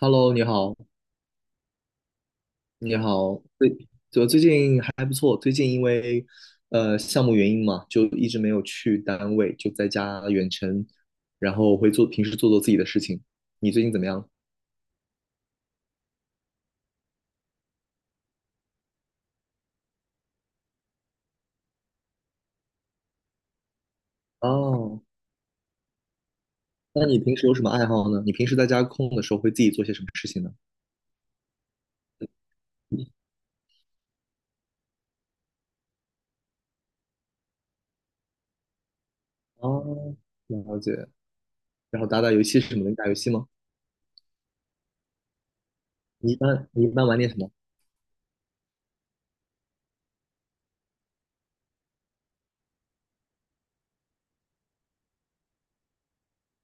Hello，你好，你好，就最近还不错，最近因为项目原因嘛，就一直没有去单位，就在家远程，然后会做平时做自己的事情。你最近怎么样？哦，那你平时有什么爱好呢？你平时在家空的时候会自己做些什么事情呢？哦，了解。然后打打游戏什么的，你打游戏吗？你一般玩点什么？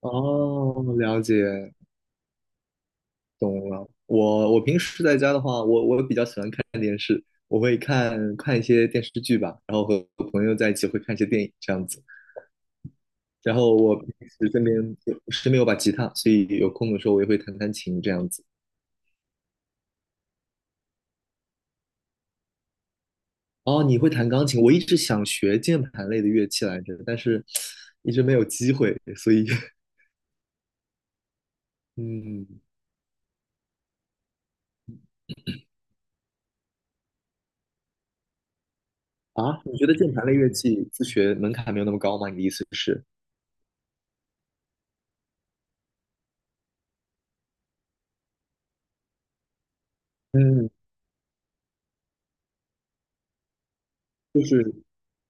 哦，了解。懂了。我平时在家的话，我比较喜欢看电视，我会看看一些电视剧吧，然后和朋友在一起会看一些电影这样子。然后我平时身边有把吉他，所以有空的时候我也会弹弹琴这样子。哦，你会弹钢琴？我一直想学键盘类的乐器来着，但是一直没有机会，所以 嗯。啊，你觉得键盘类乐器自学门槛没有那么高吗？你的意思是？嗯。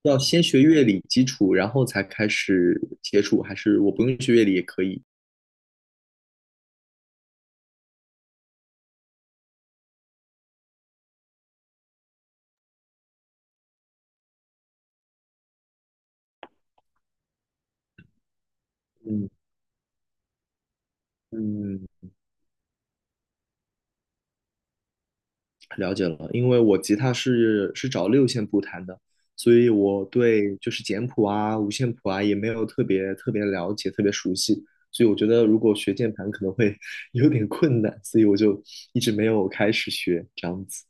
要先学乐理基础，然后才开始接触，还是我不用学乐理也可以？嗯。嗯，了解了，因为我吉他是找六线谱弹的，所以我对就是简谱啊、五线谱啊也没有特别了解、特别熟悉，所以我觉得如果学键盘可能会 有点困难，所以我就一直没有开始学这样子。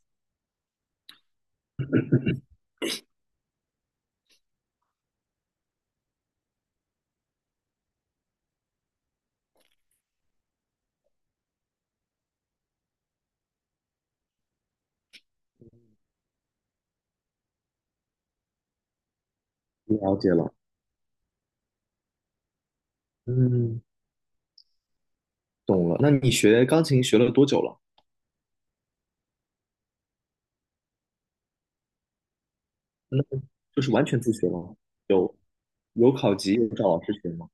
了解了，嗯，懂了。那你学钢琴学了多久了？就是完全自学了，有有考级，有找老师学吗？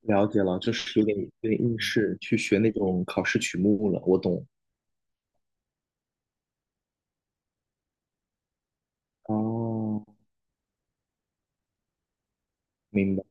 了解了，就是有点应试去学那种考试曲目了，我懂。哦，明白，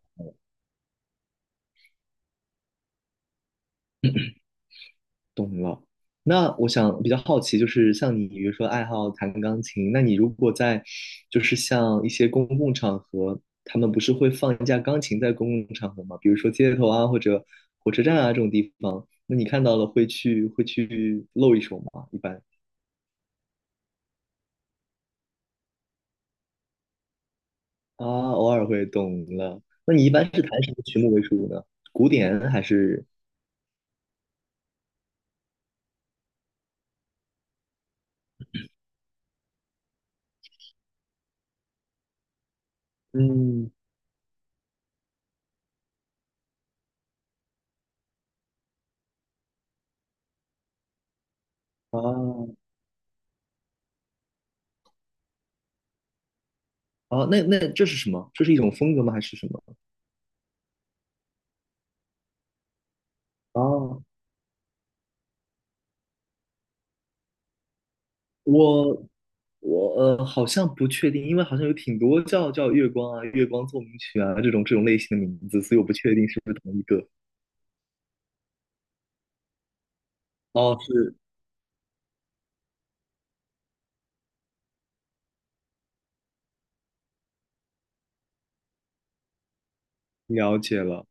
懂了。那我想比较好奇，就是像你，比如说爱好弹钢琴，那你如果在，就是像一些公共场合，他们不是会放一架钢琴在公共场合吗？比如说街头啊，或者火车站啊这种地方，那你看到了会去露一手吗？一般？啊，偶尔会懂了。那你一般是弹什么曲目为主呢？古典还是？嗯。啊。啊？那这是什么？这是一种风格吗？还是什么？啊，我我好像不确定，因为好像有挺多叫月光啊、月光奏鸣曲啊这种类型的名字，所以我不确定是不是同一个。哦，是了解了。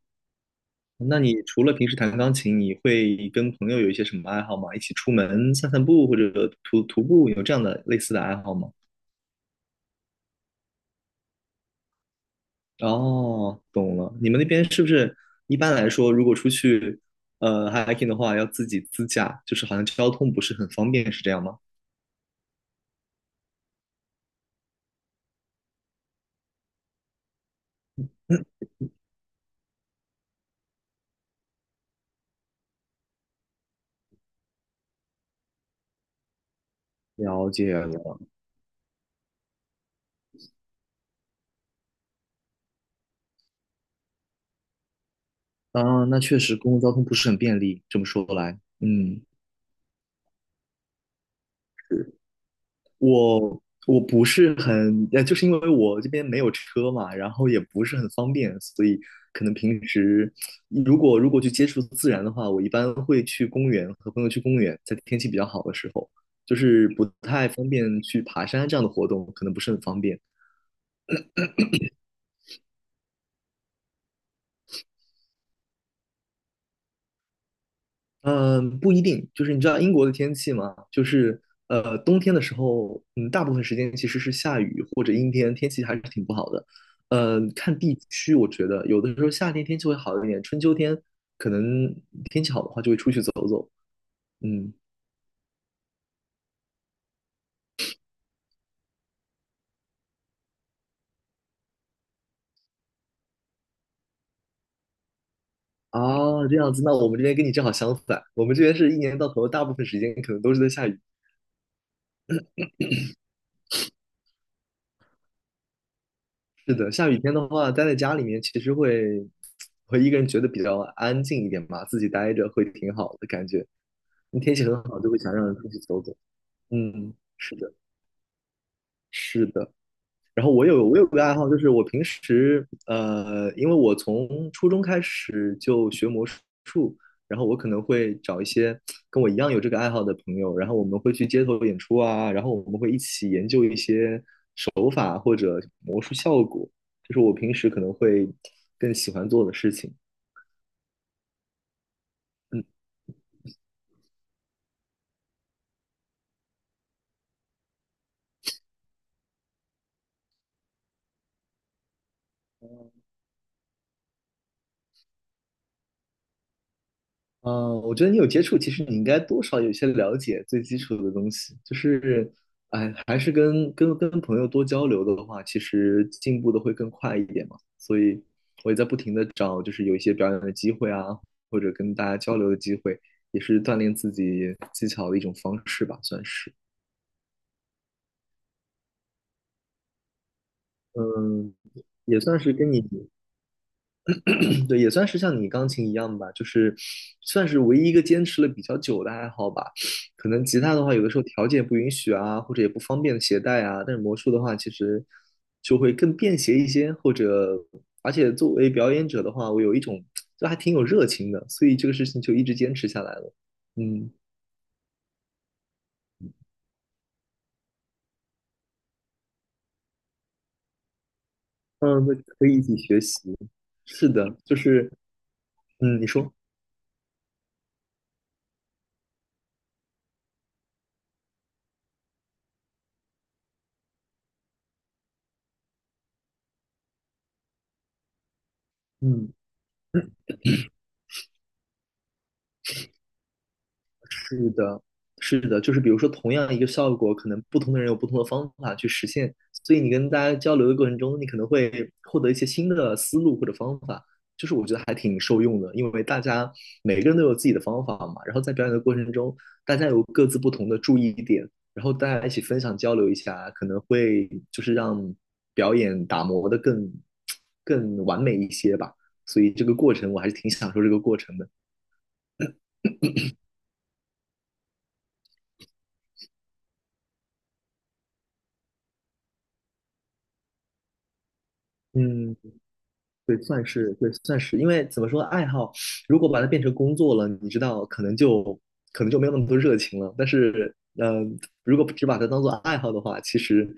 那你除了平时弹钢琴，你会跟朋友有一些什么爱好吗？一起出门散散步，或者徒步，有这样的类似的爱好吗？哦，懂了。你们那边是不是一般来说，如果出去hiking 的话，要自己自驾，就是好像交通不是很方便，是这样吗？了解了。啊，那确实公共交通不是很便利，这么说来，嗯。我我不是很，就是因为我这边没有车嘛，然后也不是很方便，所以可能平时如果去接触自然的话，我一般会去公园，和朋友去公园，在天气比较好的时候，就是不太方便去爬山这样的活动，可能不是很方便。嗯，不一定，就是你知道英国的天气吗？就是冬天的时候，嗯，大部分时间其实是下雨或者阴天，天气还是挺不好的。呃，看地区，我觉得有的时候夏天天气会好一点，春秋天可能天气好的话就会出去走走。嗯。哦，这样子，那我们这边跟你正好相反，我们这边是一年到头大部分时间可能都是在下雨。是的，下雨天的话，待在家里面其实会一个人觉得比较安静一点吧，自己待着会挺好的感觉。那天气很好，就会想让人出去走走。嗯，是的，是的。然后我有个爱好，就是我平时因为我从初中开始就学魔术，然后我可能会找一些跟我一样有这个爱好的朋友，然后我们会去街头演出啊，然后我们会一起研究一些手法或者魔术效果，这是我平时可能会更喜欢做的事情。嗯。呃，我觉得你有接触，其实你应该多少有些了解最基础的东西。就是，哎，还是跟朋友多交流的话，其实进步的会更快一点嘛。所以我也在不停的找，就是有一些表演的机会啊，或者跟大家交流的机会，也是锻炼自己技巧的一种方式吧，算是。嗯，也算是跟你。对，也算是像你钢琴一样吧，就是算是唯一一个坚持了比较久的爱好吧。可能吉他的话，有的时候条件不允许啊，或者也不方便携带啊。但是魔术的话，其实就会更便携一些，或者而且作为表演者的话，我有一种就还挺有热情的，所以这个事情就一直坚持下来了。嗯。嗯，那可以一起学习。是的，就是嗯，你说嗯。是的，是的，就是比如说同样一个效果，可能不同的人有不同的方法去实现，所以你跟大家交流的过程中，你可能会获得一些新的思路或者方法，就是我觉得还挺受用的，因为大家每个人都有自己的方法嘛，然后在表演的过程中，大家有各自不同的注意点，然后大家一起分享交流一下，可能会就是让表演打磨的更完美一些吧，所以这个过程我还是挺享受这个过程的，嗯。对，算是对，算是，因为怎么说，爱好如果把它变成工作了，你知道，可能就没有那么多热情了。但是，嗯，如果只把它当做爱好的话，其实，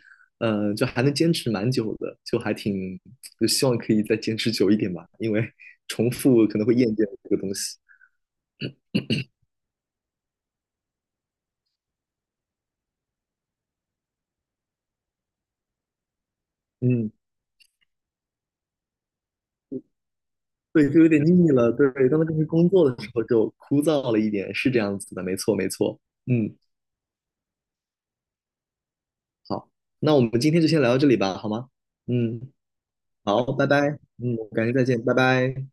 嗯，就还能坚持蛮久的，就还挺，就希望可以再坚持久一点吧，因为 重复可能会厌倦这个东西。嗯，对，就有点腻了。对，当它变成工作的时候，就枯燥了一点，是这样子的，没错，没错。嗯，好，那我们今天就先聊到这里吧，好吗？嗯。好，拜拜，嗯，改天再见，拜拜。